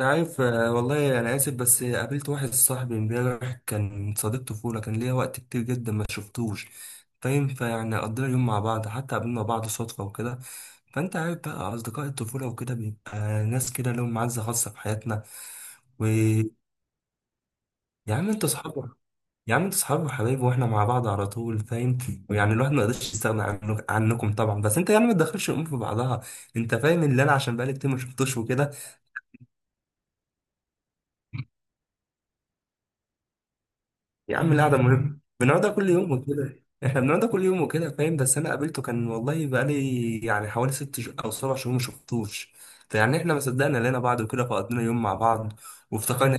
أنا عارف، آه، والله أنا آسف. بس قابلت واحد صاحبي امبارح كان صديق طفولة كان ليا وقت كتير جدا ما شفتوش. فاهم، فيعني قضينا يوم مع بعض حتى قابلنا بعض صدفة وكده. فأنت عارف بقى أصدقاء الطفولة وكده بيبقى ناس كده لهم معزة خاصة في حياتنا. ويا عم أنت أصحاب، يا عم أنت أصحاب وحبايب وإحنا مع بعض على طول فاهم. ويعني الواحد ما يقدرش يستغنى عنكم طبعا، بس أنت يعني ما تدخلش الأمور في بعضها. أنت فاهم اللي أنا عشان بقالي كتير ما شفتوش وكده. يا عم القعدة مهمة بنقعدها كل يوم وكده. احنا بنقعدها كل يوم وكده فاهم. بس انا قابلته، كان والله بقالي يعني حوالي ست او سبع شهور ما شفتوش. فيعني احنا ما صدقنا لقينا بعض وكده فقضينا يوم مع بعض وافتكرنا.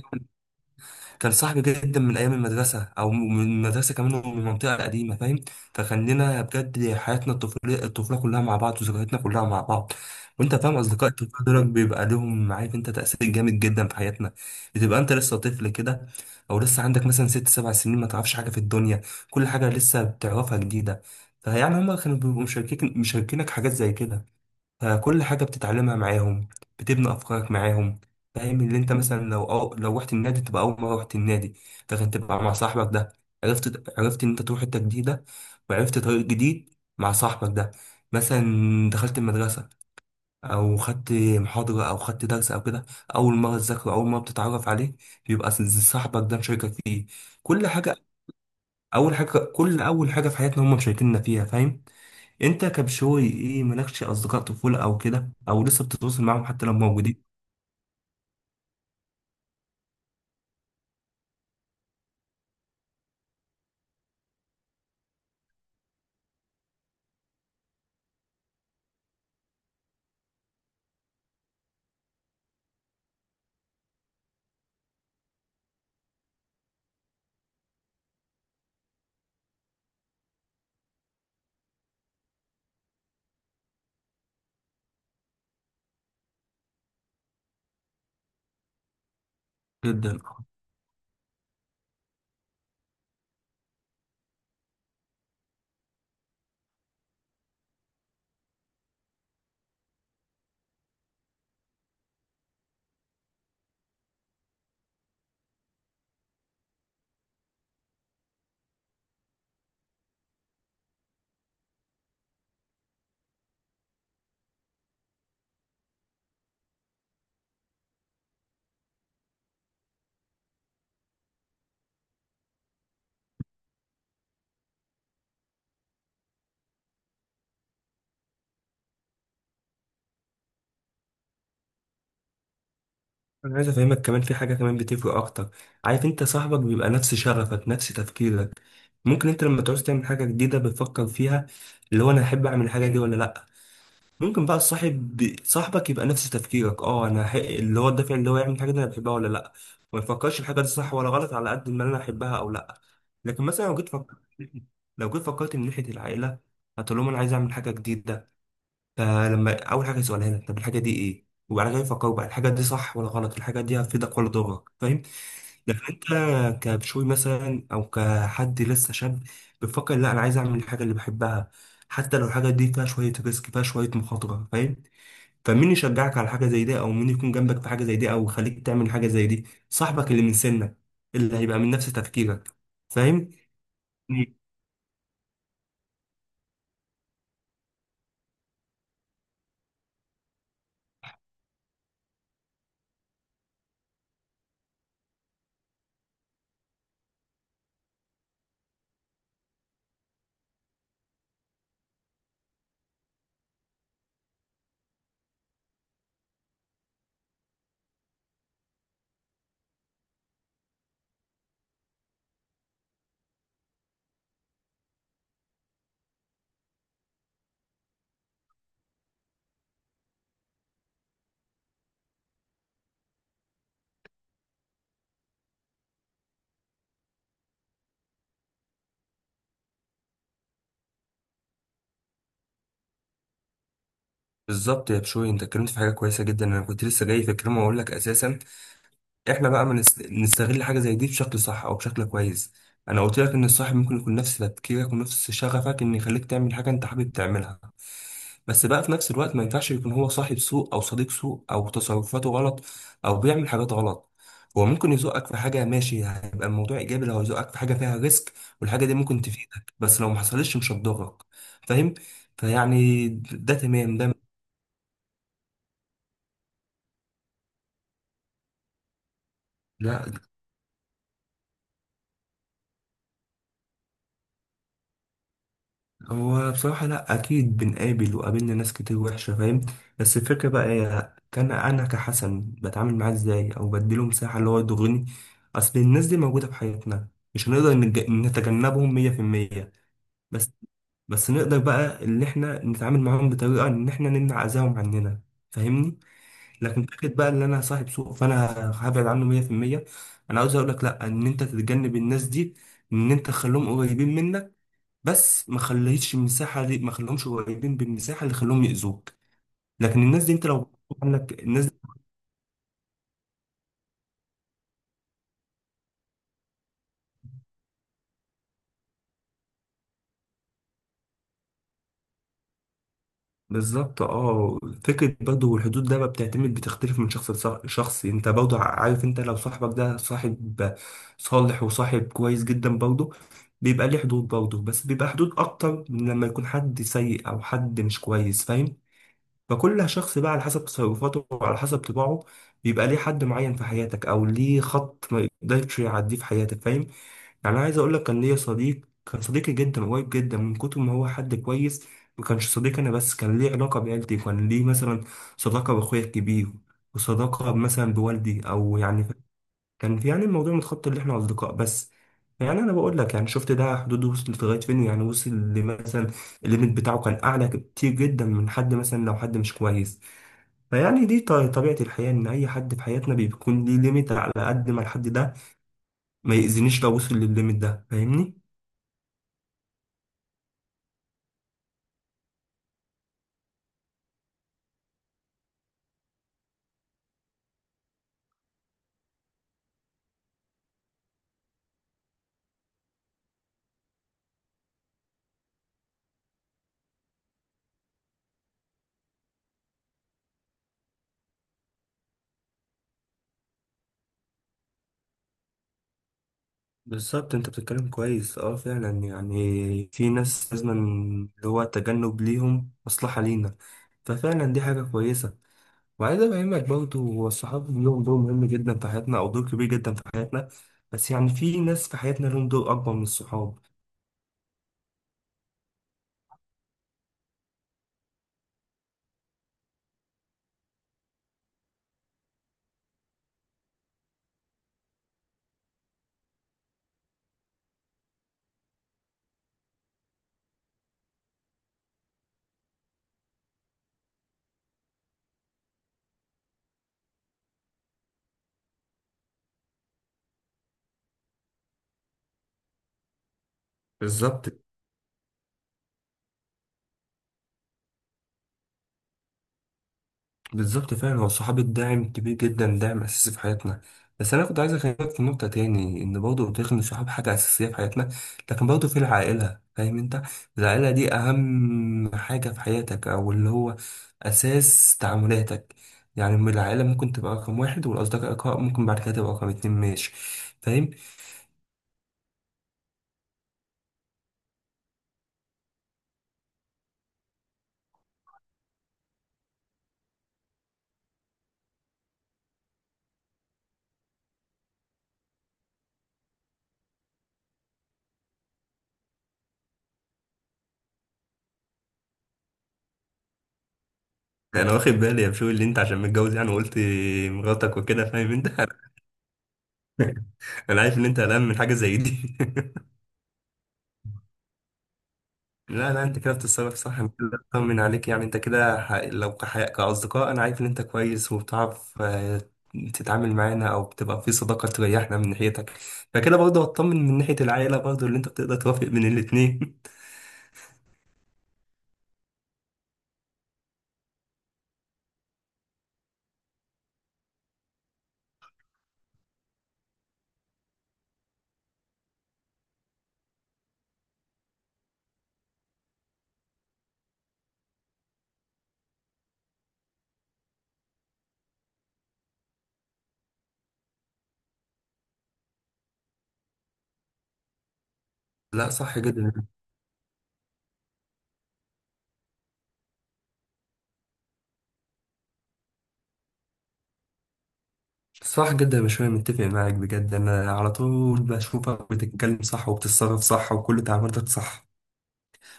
كان صاحبي جدا من ايام المدرسه او من المدرسه كمان ومن المنطقه القديمه فاهم. فكان لنا بجد حياتنا الطفوليه، الطفوله كلها مع بعض وذكرياتنا كلها مع بعض. وانت فاهم اصدقاء الطفوله دول بيبقى لهم، عارف انت، تاثير جامد جدا في حياتنا. بتبقى انت لسه طفل كده، او لسه عندك مثلا 6 7 سنين، ما تعرفش حاجه في الدنيا. كل حاجه لسه بتعرفها جديده. فيعني هما كانوا بيبقوا مشاركينك حاجات زي كده. فكل حاجة بتتعلمها معاهم، بتبني أفكارك معاهم. فاهم اللي انت مثلا لو، أو لو رحت النادي تبقى أول مرة رحت النادي، لكن تبقى مع صاحبك ده. عرفت إن أنت تروح حتة جديدة وعرفت طريق جديد مع صاحبك ده. مثلا دخلت المدرسة أو خدت محاضرة أو خدت درس أو كده، أول مرة تذاكره، أول مرة بتتعرف عليه، بيبقى صاحبك ده مشاركك فيه كل حاجة. أول حاجة كل أول حاجة في حياتنا هم مشاركيننا فيها فاهم. انت كبشوي ايه، مالكش اصدقاء طفولة او كده او لسه بتتواصل معاهم حتى لو موجودين؟ جدا. انا عايز افهمك كمان في حاجة كمان بتفرق اكتر. عارف انت صاحبك بيبقى نفس شغفك نفس تفكيرك. ممكن انت لما تعوز تعمل حاجة جديدة بتفكر فيها، اللي هو انا احب اعمل الحاجة دي ولا لا. ممكن بقى الصاحب صاحبك يبقى نفس تفكيرك، اه انا اللي هو الدافع اللي هو يعمل الحاجة دي انا بحبها ولا لا. ما يفكرش الحاجة دي صح ولا غلط على قد ما انا احبها او لا. لكن مثلا لو جيت فكرت، لو جيت فكرت من ناحية العائلة هتقول لهم انا عايز اعمل حاجة جديدة. فلما اول حاجه يسألها لك طب الحاجه دي ايه، وبعد كده يفكروا بقى الحاجه دي صح ولا غلط، الحاجه دي هتفيدك ولا تضرك فاهم. لكن انت كبشوي مثلا او كحد لسه شاب بتفكر لا انا عايز اعمل الحاجه اللي بحبها، حتى لو الحاجه دي فيها شويه ريسك، فيها شويه مخاطره فاهم. فمين يشجعك على حاجه زي دي، او مين يكون جنبك في حاجه زي دي، او يخليك تعمل حاجه زي دي؟ صاحبك اللي من سنك، اللي هيبقى من نفس تفكيرك فاهم. بالظبط يا بشوي، انت اتكلمت في حاجه كويسه جدا. انا كنت لسه جاي في الكلام واقول لك اساسا، احنا بقى ما نستغل حاجه زي دي بشكل صح او بشكل كويس. انا قلت لك ان الصاحب ممكن يكون نفس تفكيرك ونفس شغفك، ان يخليك تعمل حاجه انت حابب تعملها. بس بقى في نفس الوقت ما ينفعش يكون هو صاحب سوء او صديق سوء او تصرفاته غلط او بيعمل حاجات غلط. هو ممكن يزقك في حاجه ماشي، هيبقى الموضوع ايجابي لو يزقك في حاجه فيها ريسك، والحاجه دي ممكن تفيدك. بس لو ما حصلتش مش هتضرك فاهم. فيعني ده تمام ده. لا، هو بصراحة لأ، أكيد بنقابل وقابلنا ناس كتير وحشة فاهم. بس الفكرة بقى هي، كان أنا كحسن بتعامل معاه إزاي، أو بديله مساحة اللي هو يضرني. أصل الناس دي موجودة في حياتنا، مش هنقدر نتجنبهم 100%. بس بس نقدر بقى إن إحنا نتعامل معاهم بطريقة إن إحنا نمنع أذاهم عننا فاهمني. لكن فكرة بقى إن أنا صاحب سوء فأنا هبعد عنه 100%، أنا عاوز أقولك لأ. إن أنت تتجنب الناس دي، إن أنت تخليهم قريبين منك، بس ما خليتش المساحه دي، ما خليهمش قريبين بالمساحه اللي خلوهم يأذوك. لكن الناس دي انت لو عندك الناس دي. بالظبط اه. فكره برضه، والحدود ده بقى بتعتمد بتختلف من شخص لشخص. انت برضه عارف انت لو صاحبك ده صاحب صالح وصاحب كويس جدا برضه، بيبقى ليه حدود برضه. بس بيبقى حدود اكتر من لما يكون حد سيء او حد مش كويس فاهم. فكل شخص بقى على حسب تصرفاته وعلى حسب طباعه، بيبقى ليه حد معين في حياتك، او ليه خط ما يقدرش يعديه في حياتك فاهم. يعني أنا عايز أقول لك كان ليا صديق كان صديقي جدا قريب جدا من كتر ما هو حد كويس. ما كانش صديق أنا بس، كان ليه علاقة بعيلتي، كان ليه مثلا صداقة بأخويا الكبير وصداقة مثلا بوالدي، أو يعني كان في يعني الموضوع متخطى اللي إحنا أصدقاء بس. يعني أنا بقول لك يعني شفت ده حدوده وصلت لغاية فين، يعني وصل لمثلا الليميت بتاعه كان أعلى كتير جدا من حد مثلا لو حد مش كويس. فيعني دي طبيعة الحياة، إن أي حد في حياتنا بيكون ليه ليميت على قد ما الحد ده ما يأذينيش لو وصل للليميت ده فاهمني؟ بالظبط. انت بتتكلم كويس اه، فعلا يعني في ناس لازم اللي هو التجنب ليهم مصلحة لينا، ففعلا دي حاجة كويسة. وعايز افهمك برضه، هو الصحاب ليهم دور مهم جدا في حياتنا او دور كبير جدا في حياتنا، بس يعني في ناس في حياتنا لهم دور اكبر من الصحاب. بالظبط. فعلا هو الصحابي الداعم كبير جدا، داعم اساسي في حياتنا. بس انا كنت عايز اكلمك في نقطه تاني، ان برضه قلت لك ان الصحاب حاجه اساسيه في حياتنا، لكن برضه في العائله فاهم انت. العائله دي اهم حاجه في حياتك، او اللي هو اساس تعاملاتك. يعني من العائله ممكن تبقى رقم 1، والاصدقاء ممكن بعد كده تبقى رقم 2 ماشي فاهم. انا واخد بالي يا بشوي، اللي انت عشان متجوز يعني، وقلت مراتك وكده فاهم انت. انا عارف ان انت قلقان من حاجه زي دي. لا لا، انت كده بتتصرف صح. انا كده اطمن عليك، يعني انت كده لو كاصدقاء انا عارف ان انت كويس وبتعرف تتعامل معانا او بتبقى في صداقه تريحنا من ناحيتك. فكده برضه هطمن من ناحيه العائله برضه، اللي انت بتقدر توافق بين الاتنين. لا، صح جدا. صح جدا، مش انا متفق معاك بجد. انا على طول بشوفك بتتكلم صح وبتتصرف صح وكل تعاملاتك صح.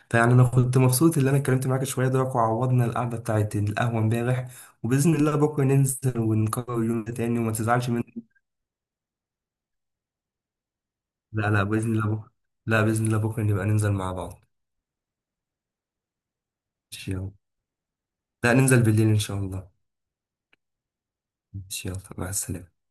فيعني انا كنت مبسوط ان انا اتكلمت معاك شويه دلوقتي وعوضنا القعده بتاعت القهوه امبارح. وباذن الله بكره ننزل ونكرر اليوم ده تاني، وما تزعلش مني. لا لا، باذن الله بكره. لا باذن الله بكره نبقى ننزل مع بعض. ماشي، يلا. لا ننزل بالليل ان شاء الله. ماشي، يلا، مع السلامه.